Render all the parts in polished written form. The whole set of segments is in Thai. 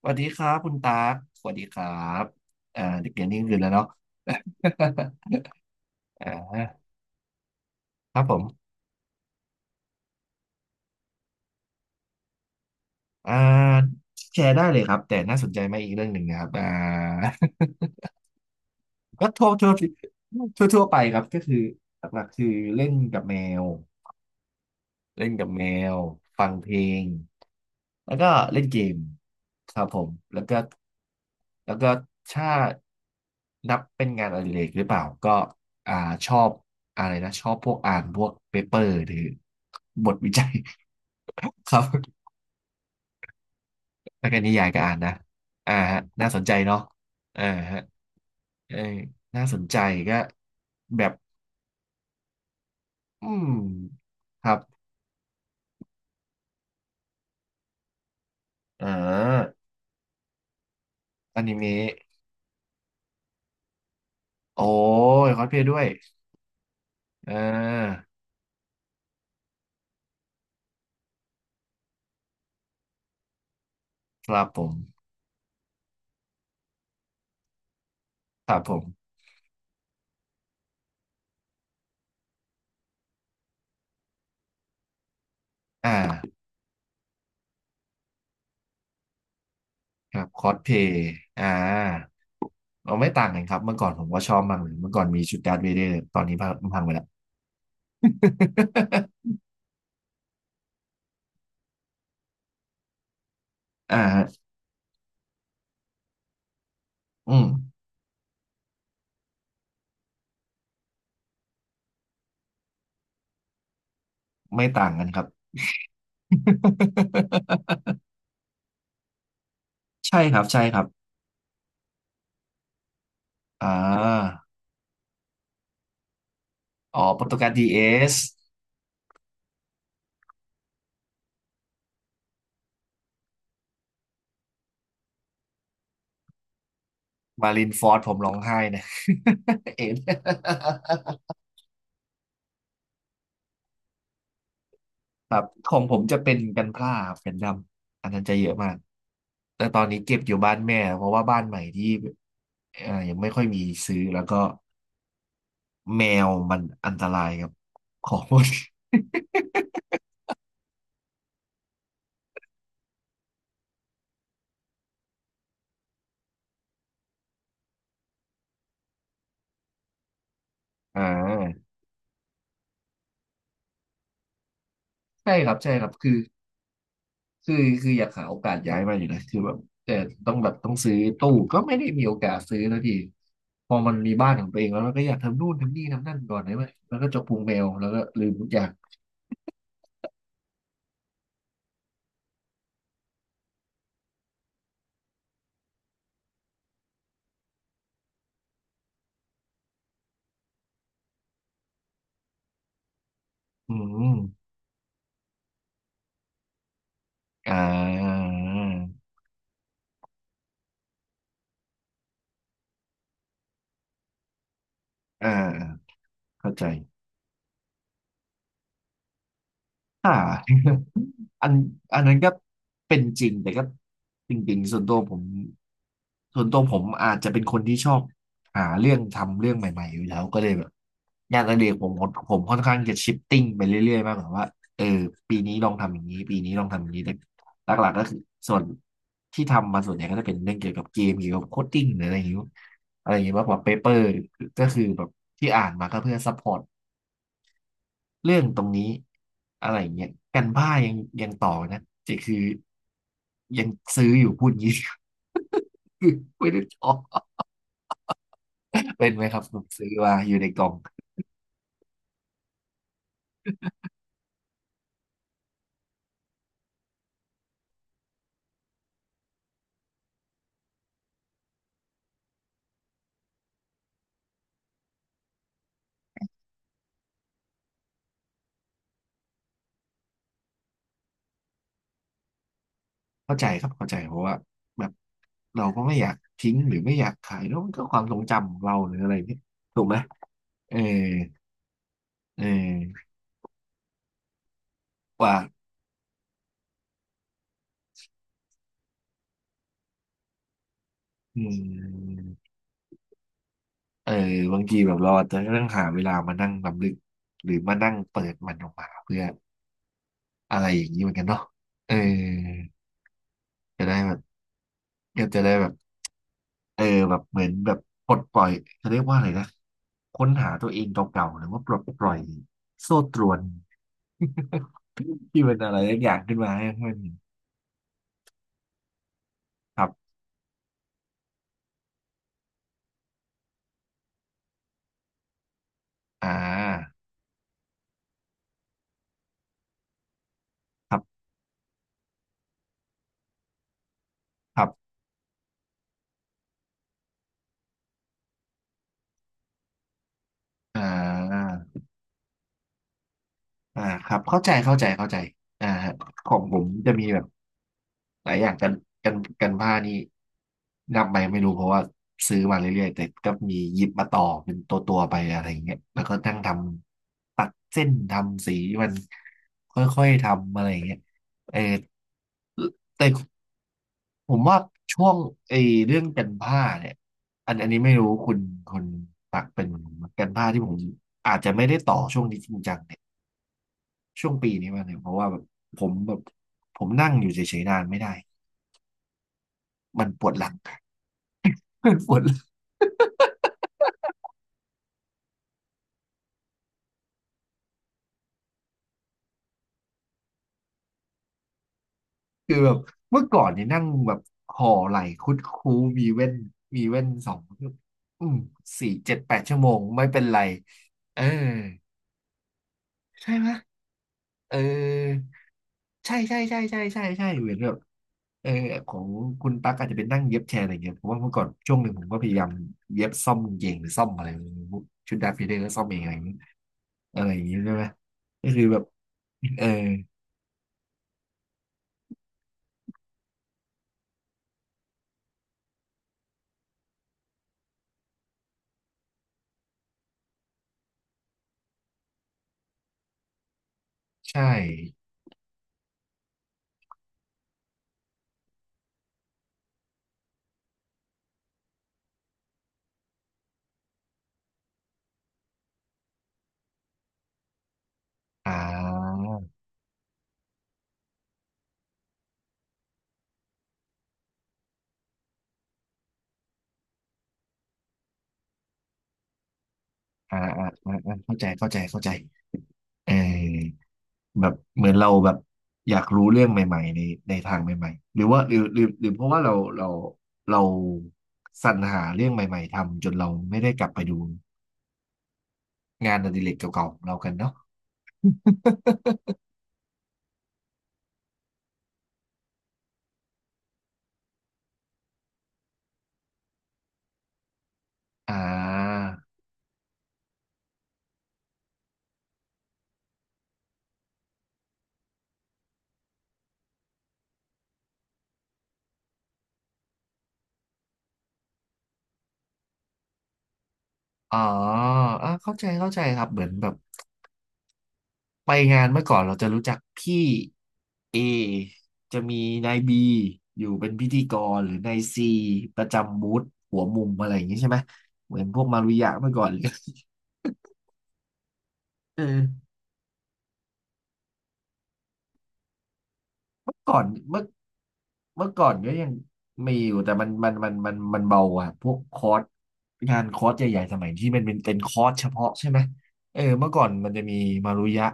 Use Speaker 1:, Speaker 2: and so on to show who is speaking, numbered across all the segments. Speaker 1: สวัสดีครับคุณตากสวัสดีครับเด็กเรียนนี่คืนแล้วเนาะ อ่าครับผมอ่าแชร์ได้เลยครับแต่น่าสนใจไหมอีกเรื่องหนึ่งนะครับ ก็ทั่วทั่วไปครับก็คือหลักๆคือเล่นกับแมว เล่นกับแมวฟังเพลงแล้วก็เล่นเกมครับผมแล้วก็ถ้านับเป็นงานอดิเรกหรือเปล่าก็อ่าชอบอะไรนะชอบพวกอ่านพวกเปเปอร์หรือบทวิจัย ครับแล้วก็นิยายก็อ่านนะอ่าฮะน่าสนใจเนาะอ่าฮะเอยน่าสนใจก็แบบอืมครับอ่าอนิเมะโอ้ยคอสเพลย์ด้วย อ่าครับผมครับผมอ่าครับคอสเพย์อ่าเราไม่ต่างกันครับเมื่อก่อนผมก็ชอบมากเลยเมื่อก่อนมีชุดดาร์ธเวเดอร์ตอนนี้พังพังไปแล้ว อ่าฮะอืมไม่ต่างกันครับ ใช่ครับใช่ครับอ่าอ๋อโปรตุเกสดีเอสมารินฟอร์ดผมร้องไห้นะ เอ็น ครับของผมจะเป็นกันพร่าครับันดำอันนั้นจะเยอะมากแต่ตอนนี้เก็บอยู่บ้านแม่เพราะว่าบ้านใหม่ที่ยังไม่ค่อยมีซื้อแล้วก็แมวมันอันตรายกับของหมด อ่าใช่ครับใช่ครับคือคืออยากหาโอกาสย้ายมาอยู่นะคือแบบแต่ต้องแบบต้องซื้อตู้ก็ไม่ได้มีโอกาสซื้อแล้วทีพอมันมีบ้านของตัวเองแล้วเราก็อยากทำนู่นทำนี่ทำนั่นก่อนได้ไหมแล้วก็จกพุงแมวแล้วก็ลืมทุกอย่างอืมอ่า อ่าอ่าเข้าใจอ่า อันอันนั้นก็เป็นจริงแต่ก็จริงๆส่วนตัวผมอาจจะเป็นคนที่ชอบหาเรื่องทำเรื่องใหม่ๆอยู่แล้วก็เลยแบบงานอดิเรกผมค่อนข้างจะชิปติ้งไปเรื่อยๆมากกว่าว่าเออปีนี้ลองทำอย่างนี้ปีนี้ลองทำอย่างนี้แต่หลักๆก็คือส่วนที่ทำมาส่วนใหญ่ก็จะเป็นเรื่องเกี่ยวกับเกมเกี่ยวกับโคดดิ้งหรืออะไรอย่างนี้อะไรอย่างนี้มากกว่าเปเปอร์ก็คือแบบที่อ่านมาก็เพื่อซัพพอร์ต เรื่องตรงนี้อะไรอย่างเงี้ยกันบ้ายังยังต่อนะจะคือยังซื้ออยู่พูดงี้ คือไม่ได้ต่อเป็นไหมครับผมซื้อมาอยู่ในกล่องเข้าใจครับเข้าใจเพราะว่าแบบเราก็ไม่อยากทิ้งหรือไม่อยากขายแล้วมันก็ความทรงจำของเราหรืออะไรเนี่ยถูกไหมเออเออว่าอืมเออบางทีแบบเราอาจจะต้องหาเวลามานั่งรำลึกหรือมานั่งเปิดมันออกมาเพื่ออะไรอย่างนี้เหมือนกันเนาะเออจะได้แบบ ก็จะได้แบบเออแบบเหมือนแบบปลดปล่อยจะเรียกว่าอะไรนะค้นหาตัวเองเก่าๆหรือว่าปลดปล่อยโซ่ตรวนที่เป็นอะไรสักอย่างขึ้นมาให้มันครับอ่าครับครับอ่าครับเข้าใจเข้าใจเข้าใจอ่าของผมจะมีแบบ หลายอย่างกันกันผ้านี่นับไปไม่รู้เพราะว่าซื้อมาเรื่อยๆแต่ก็มีหยิบมาต่อเป็นตัวตัวไปอะไรอย่างเงี้ยแล้วก็นั่งทำตัดเส้นทำสีมันค่อยๆทำอะไรอย่างเงี้ยเออแต่ผมว่าช่วงไอ้เรื่องกันผ้าเนี่ยอันนี้ไม่รู้คุณปักเป็นกันผ้าที่ผมอาจจะไม่ได้ต่อช่วงนี้จริงจังเนี่ยช่วงปีนี้มาเนี่ยเพราะว่าแบบผมนั่งอยู่เฉยๆนานไม่ได้มันปวดหลัง เป็นฝนคือแบบเมื่อก่อนนี่นั่งแบบห่อไหลคุดคู้มีเว้นมีเว้นสองอืมสี่เจ็ดแปดชั่วโมงไม่เป็นไรเออใช่ไหมเออใช่ใช่ใช่ใช่ใช่ใช่เหมือนแบบเออของคุณตั๊กอาจจะเป็นนั่งเย็บแชร์อะไรเงี้ยเพราะว่าเมื่อก่อนช่วงหนึ่งผมก็พยายามเย็บซ่อมกางเกงหรือซ่อมอะไรไม่รู้ชุดดาฟิเดอร์ก็ซ่อมเองอะไรอย่างเงี้ยอะไรอย่างเงี้ยใช่ไหมก็คือแบบเออใช่อ่า เข้าใจเข้าใจเข้าใจเออแบบเหมือนเราแบบอยากรู้เรื่องใหม่ๆในในทางใหม่ๆหรือว่าหรือหรือหรือเพราะว่าเราสรรหาเรื่องใหม่ๆทำจนเราไม่ได้กลับไปดูงานอดิเรกเก่าๆของเรากันเนาะ อ่าอ๋อเข้าใจเข้าใจครับเหมือนแบบไปงานเมื่อก่อนเราจะรู้จักพี่ จะมีนายบีอยู่เป็นพิธีกรหรือนายซีประจำบูธหัวมุมอะไรอย่างนี้ใช่ไหมเหมือนพวกมารุยะเมื่อก่อนเลยเออเมื่อก่อนเมื่อเมื่อก่อนก็ยังมีอยู่แต่มันเบาอ่ะพวกคอร์สงานคอร์สใหญ่ๆสมัยที่มันเป็นคอร์สเฉพาะใช่ไหมเออเมื่อก่อนมันจะมีมารุยะ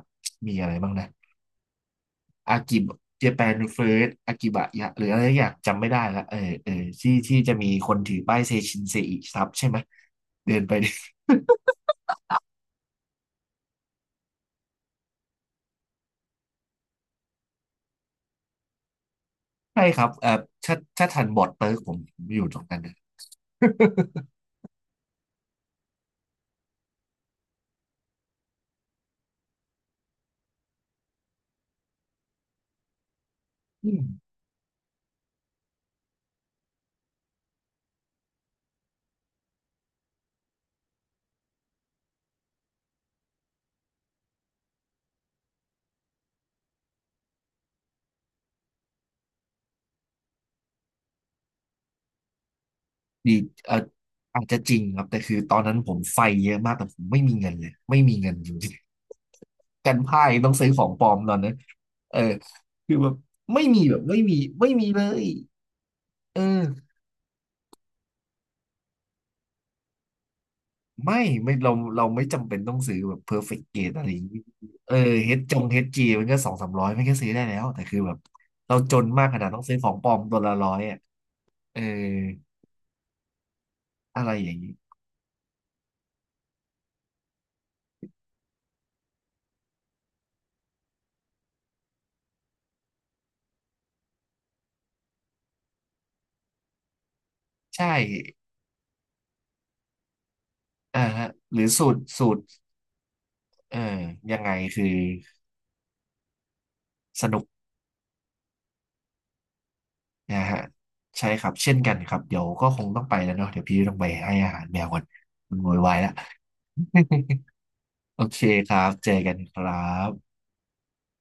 Speaker 1: มีอะไรบ้างนะอากิบเจแปนเฟิร์สอากิบะยะหรืออะไรสักอย่างจำไม่ได้ละเออที่จะมีคนถือป้ายเซชินเซอิซับใช่ไหมเดินไป ใช่ครับเอ่อถ้าทันบอร์ดเติร์กผมอยู่ตรงนั้นนะอืมดีเอ่ออาจจะจริงครับ แต่คือตอนนั้นผมไฟเยอะมากแต่ผมไม่มีเงินเลยไม่มีเงินจริงๆกันพ่ายต้องซื้อของปลอมตอนนั้นเออคือแบบไม่มีแบบไม่มีไม่มีเลยเออไม่เราไม่จำเป็นต้องซื้อแบบเพอร์เฟกต์เกอะไรอย่างงี้เออเฮดจงเฮดจีมันก็สองสามร้อยมันก็ซื้อได้แล้วแต่คือแบบเราจนมากขนาดต้องซื้อของปลอมตัวละร้อยอ่ะเอออะไรอย่างนี้ใช่ อ่าฮะหรือสูตรเอ่อยังไงคือสนุกนะฮะใช่ครับเช่นกันครับเดี๋ยวก็คงต้องไปแล้วเนาะเดี๋ยวพี่ต้องไปให้อาหารแมวก่อนมันโวยวายแล้วโอเคครับเจอกันครับ